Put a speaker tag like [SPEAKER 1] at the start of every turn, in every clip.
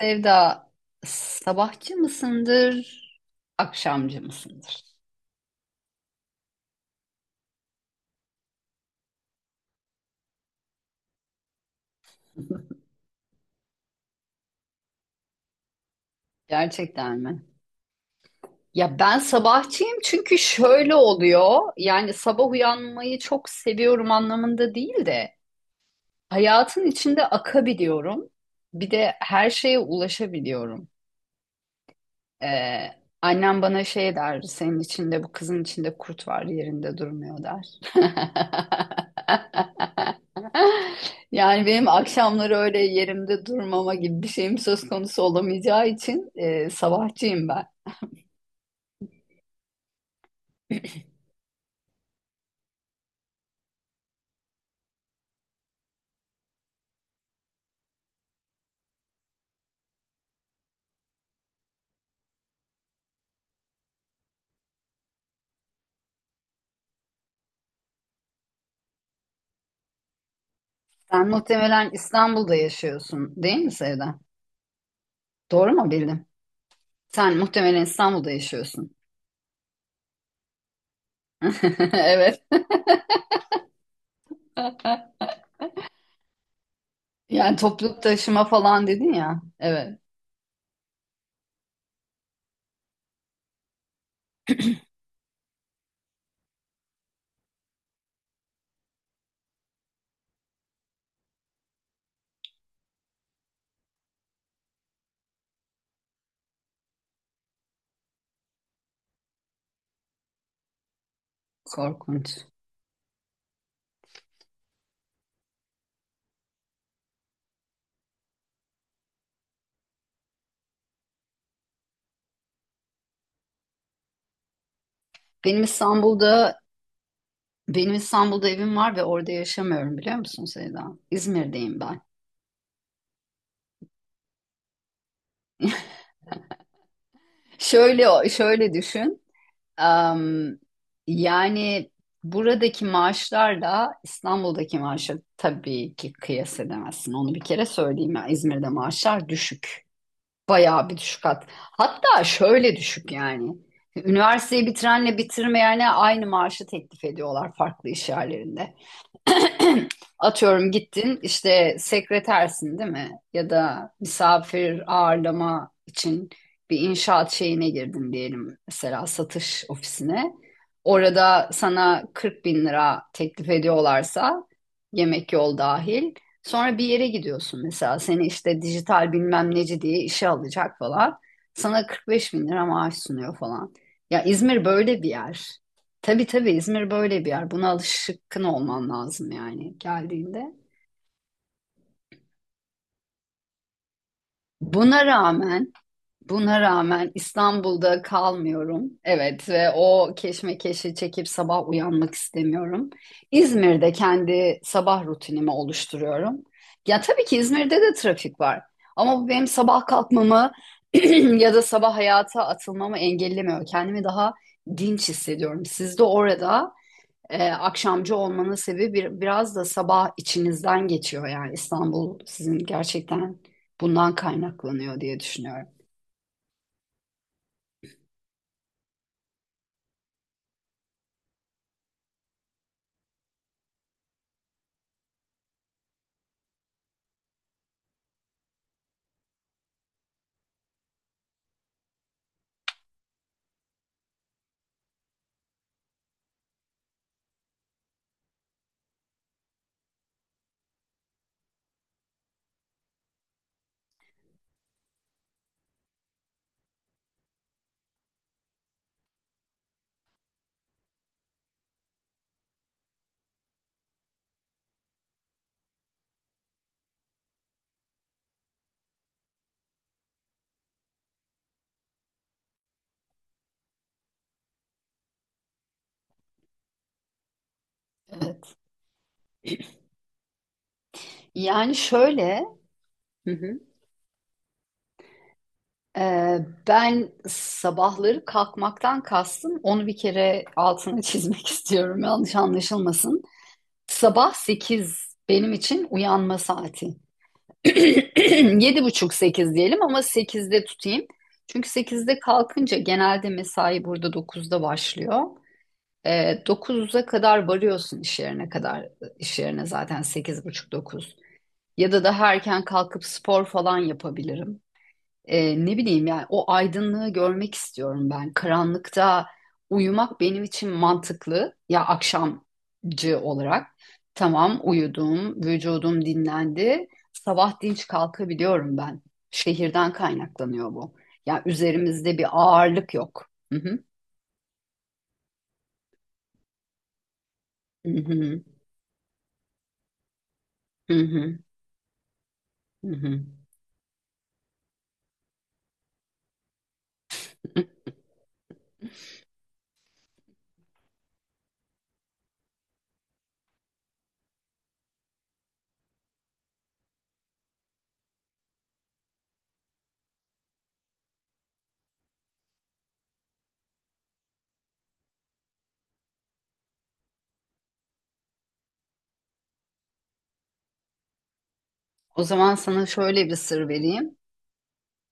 [SPEAKER 1] Sevda, sabahçı mısındır, akşamcı mısındır? Gerçekten mi? Ya ben sabahçıyım çünkü şöyle oluyor. Yani sabah uyanmayı çok seviyorum anlamında değil de hayatın içinde akabiliyorum. Bir de her şeye ulaşabiliyorum. Ee, Annem bana şey der, senin içinde bu kızın içinde kurt var yerinde durmuyor der. Yani benim akşamları öyle yerimde durmama gibi bir şeyim söz konusu olamayacağı için sabahçıyım ben. Sen muhtemelen İstanbul'da yaşıyorsun, değil mi Sevda? Doğru mu bildim? Sen muhtemelen İstanbul'da yaşıyorsun. Evet. Yani toplu taşıma falan dedin ya. Evet, korkunç. Benim İstanbul'da benim İstanbul'da evim var ve orada yaşamıyorum biliyor musun Sevda? İzmir'deyim ben. Şöyle düşün. Am, yani buradaki maaşlarla İstanbul'daki maaşı tabii ki kıyas edemezsin. Onu bir kere söyleyeyim ya. İzmir'de maaşlar düşük. Bayağı bir düşük hat. Hatta şöyle düşük yani. Üniversiteyi bitirenle bitirmeyene aynı maaşı teklif ediyorlar farklı iş yerlerinde. Atıyorum gittin işte sekretersin değil mi? Ya da misafir ağırlama için bir inşaat şeyine girdin diyelim mesela satış ofisine. Orada sana 40 bin lira teklif ediyorlarsa yemek yol dahil. Sonra bir yere gidiyorsun mesela seni işte dijital bilmem neci diye işe alacak falan. Sana 45 bin lira maaş sunuyor falan. Ya İzmir böyle bir yer. Tabii İzmir böyle bir yer. Buna alışkın olman lazım yani geldiğinde. Buna rağmen, buna rağmen İstanbul'da kalmıyorum. Evet ve o keşmekeşi çekip sabah uyanmak istemiyorum. İzmir'de kendi sabah rutinimi oluşturuyorum. Ya tabii ki İzmir'de de trafik var. Ama bu benim sabah kalkmamı ya da sabah hayata atılmamı engellemiyor. Kendimi daha dinç hissediyorum. Siz de orada akşamcı olmanın sebebi bir, biraz da sabah içinizden geçiyor yani İstanbul sizin gerçekten bundan kaynaklanıyor diye düşünüyorum. Evet. Yani şöyle hı hı, e, ben sabahları kalkmaktan kastım onu bir kere altını çizmek istiyorum yanlış anlaşılmasın. Sabah 8 benim için uyanma saati. Yedi buçuk 8 diyelim ama sekizde tutayım. Çünkü sekizde kalkınca genelde mesai burada dokuzda başlıyor. E, 9'a kadar varıyorsun iş yerine kadar. İş yerine zaten sekiz buçuk dokuz. Ya da daha erken kalkıp spor falan yapabilirim. Ne bileyim yani o aydınlığı görmek istiyorum ben. Karanlıkta uyumak benim için mantıklı. Ya akşamcı olarak. Tamam uyudum, vücudum dinlendi. Sabah dinç kalkabiliyorum ben. Şehirden kaynaklanıyor bu. Ya üzerimizde bir ağırlık yok. Hı hı. Hı hı. Hı hı. Hı hı. O zaman sana şöyle bir sır vereyim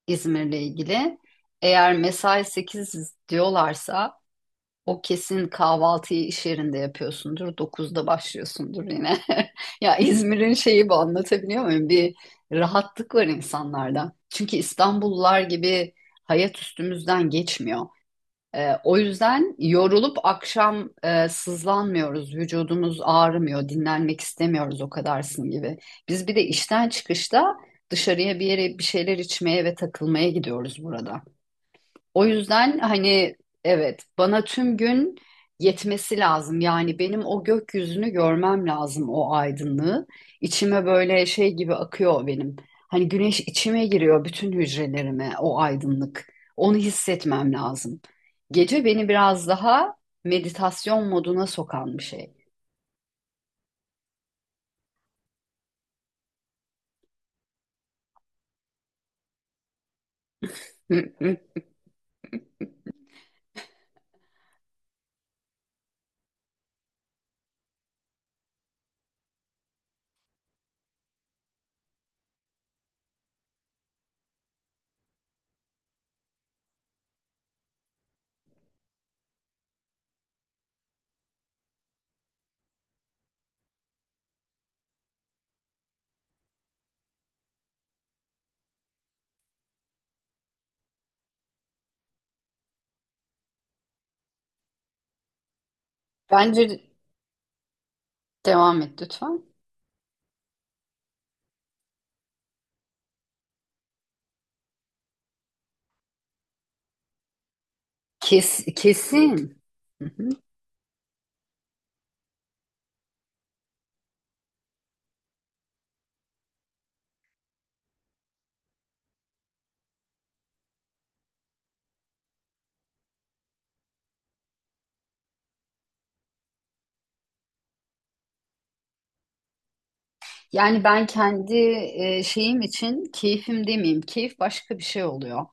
[SPEAKER 1] İzmir'le ilgili. Eğer mesai 8 diyorlarsa o kesin kahvaltıyı iş yerinde yapıyorsundur. Dokuzda başlıyorsundur yine. Ya İzmir'in şeyi bu anlatabiliyor muyum? Bir rahatlık var insanlarda. Çünkü İstanbullular gibi hayat üstümüzden geçmiyor. O yüzden yorulup akşam sızlanmıyoruz, vücudumuz ağrımıyor, dinlenmek istemiyoruz o kadarsın gibi. Biz bir de işten çıkışta dışarıya bir yere bir şeyler içmeye ve takılmaya gidiyoruz burada. O yüzden hani evet bana tüm gün yetmesi lazım. Yani benim o gökyüzünü görmem lazım o aydınlığı. İçime böyle şey gibi akıyor benim. Hani güneş içime giriyor bütün hücrelerime o aydınlık. Onu hissetmem lazım. Gece beni biraz daha meditasyon moduna sokan bir şey. Hı hı. Bence devam et lütfen. Kes, kesin. Hı hı. Yani ben kendi şeyim için keyfim demeyeyim. Keyif başka bir şey oluyor.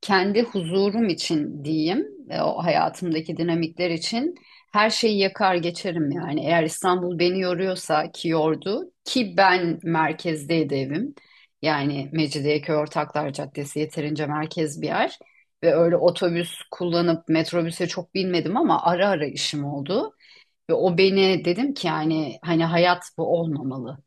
[SPEAKER 1] Kendi huzurum için diyeyim. O hayatımdaki dinamikler için her şeyi yakar geçerim yani. Eğer İstanbul beni yoruyorsa ki yordu ki ben merkezdeydi evim. Yani Mecidiyeköy Ortaklar Caddesi yeterince merkez bir yer. Ve öyle otobüs kullanıp metrobüse çok binmedim ama ara ara işim oldu. Ve o beni dedim ki yani hani hayat bu olmamalı.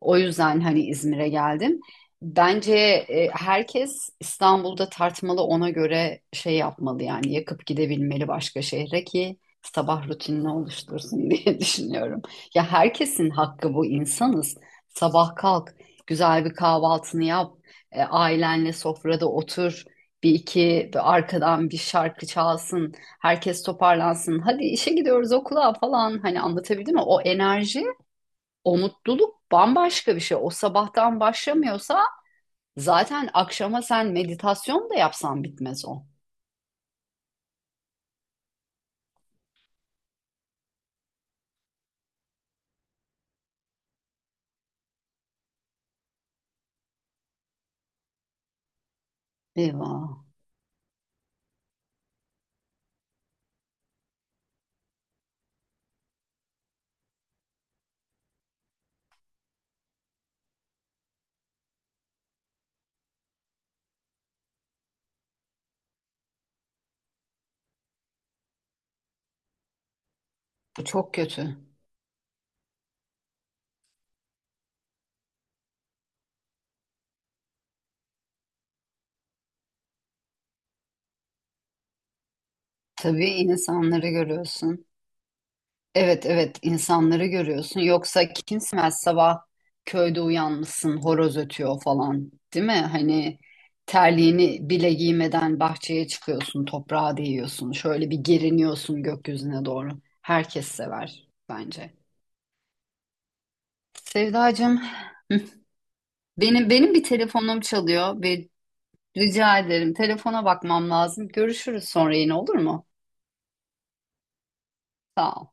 [SPEAKER 1] O yüzden hani İzmir'e geldim. Bence herkes İstanbul'da tartmalı ona göre şey yapmalı yani yakıp gidebilmeli başka şehre ki sabah rutinini oluştursun diye düşünüyorum. Ya herkesin hakkı bu insanız. Sabah kalk, güzel bir kahvaltını yap, ailenle sofrada otur, bir iki bir arkadan bir şarkı çalsın herkes toparlansın. Hadi işe gidiyoruz okula falan hani anlatabildim mi? O enerji, o mutluluk bambaşka bir şey. O sabahtan başlamıyorsa zaten akşama sen meditasyon da yapsan bitmez o. Eyvah. Bu çok kötü. Tabii insanları görüyorsun. Evet, insanları görüyorsun. Yoksa kimsemez sabah köyde uyanmışsın horoz ötüyor falan değil mi? Hani terliğini bile giymeden bahçeye çıkıyorsun toprağa değiyorsun. Şöyle bir geriniyorsun gökyüzüne doğru. Herkes sever bence. Sevdacığım hı, benim bir telefonum çalıyor ve rica ederim telefona bakmam lazım. Görüşürüz sonra yine olur mu? Sağ ol.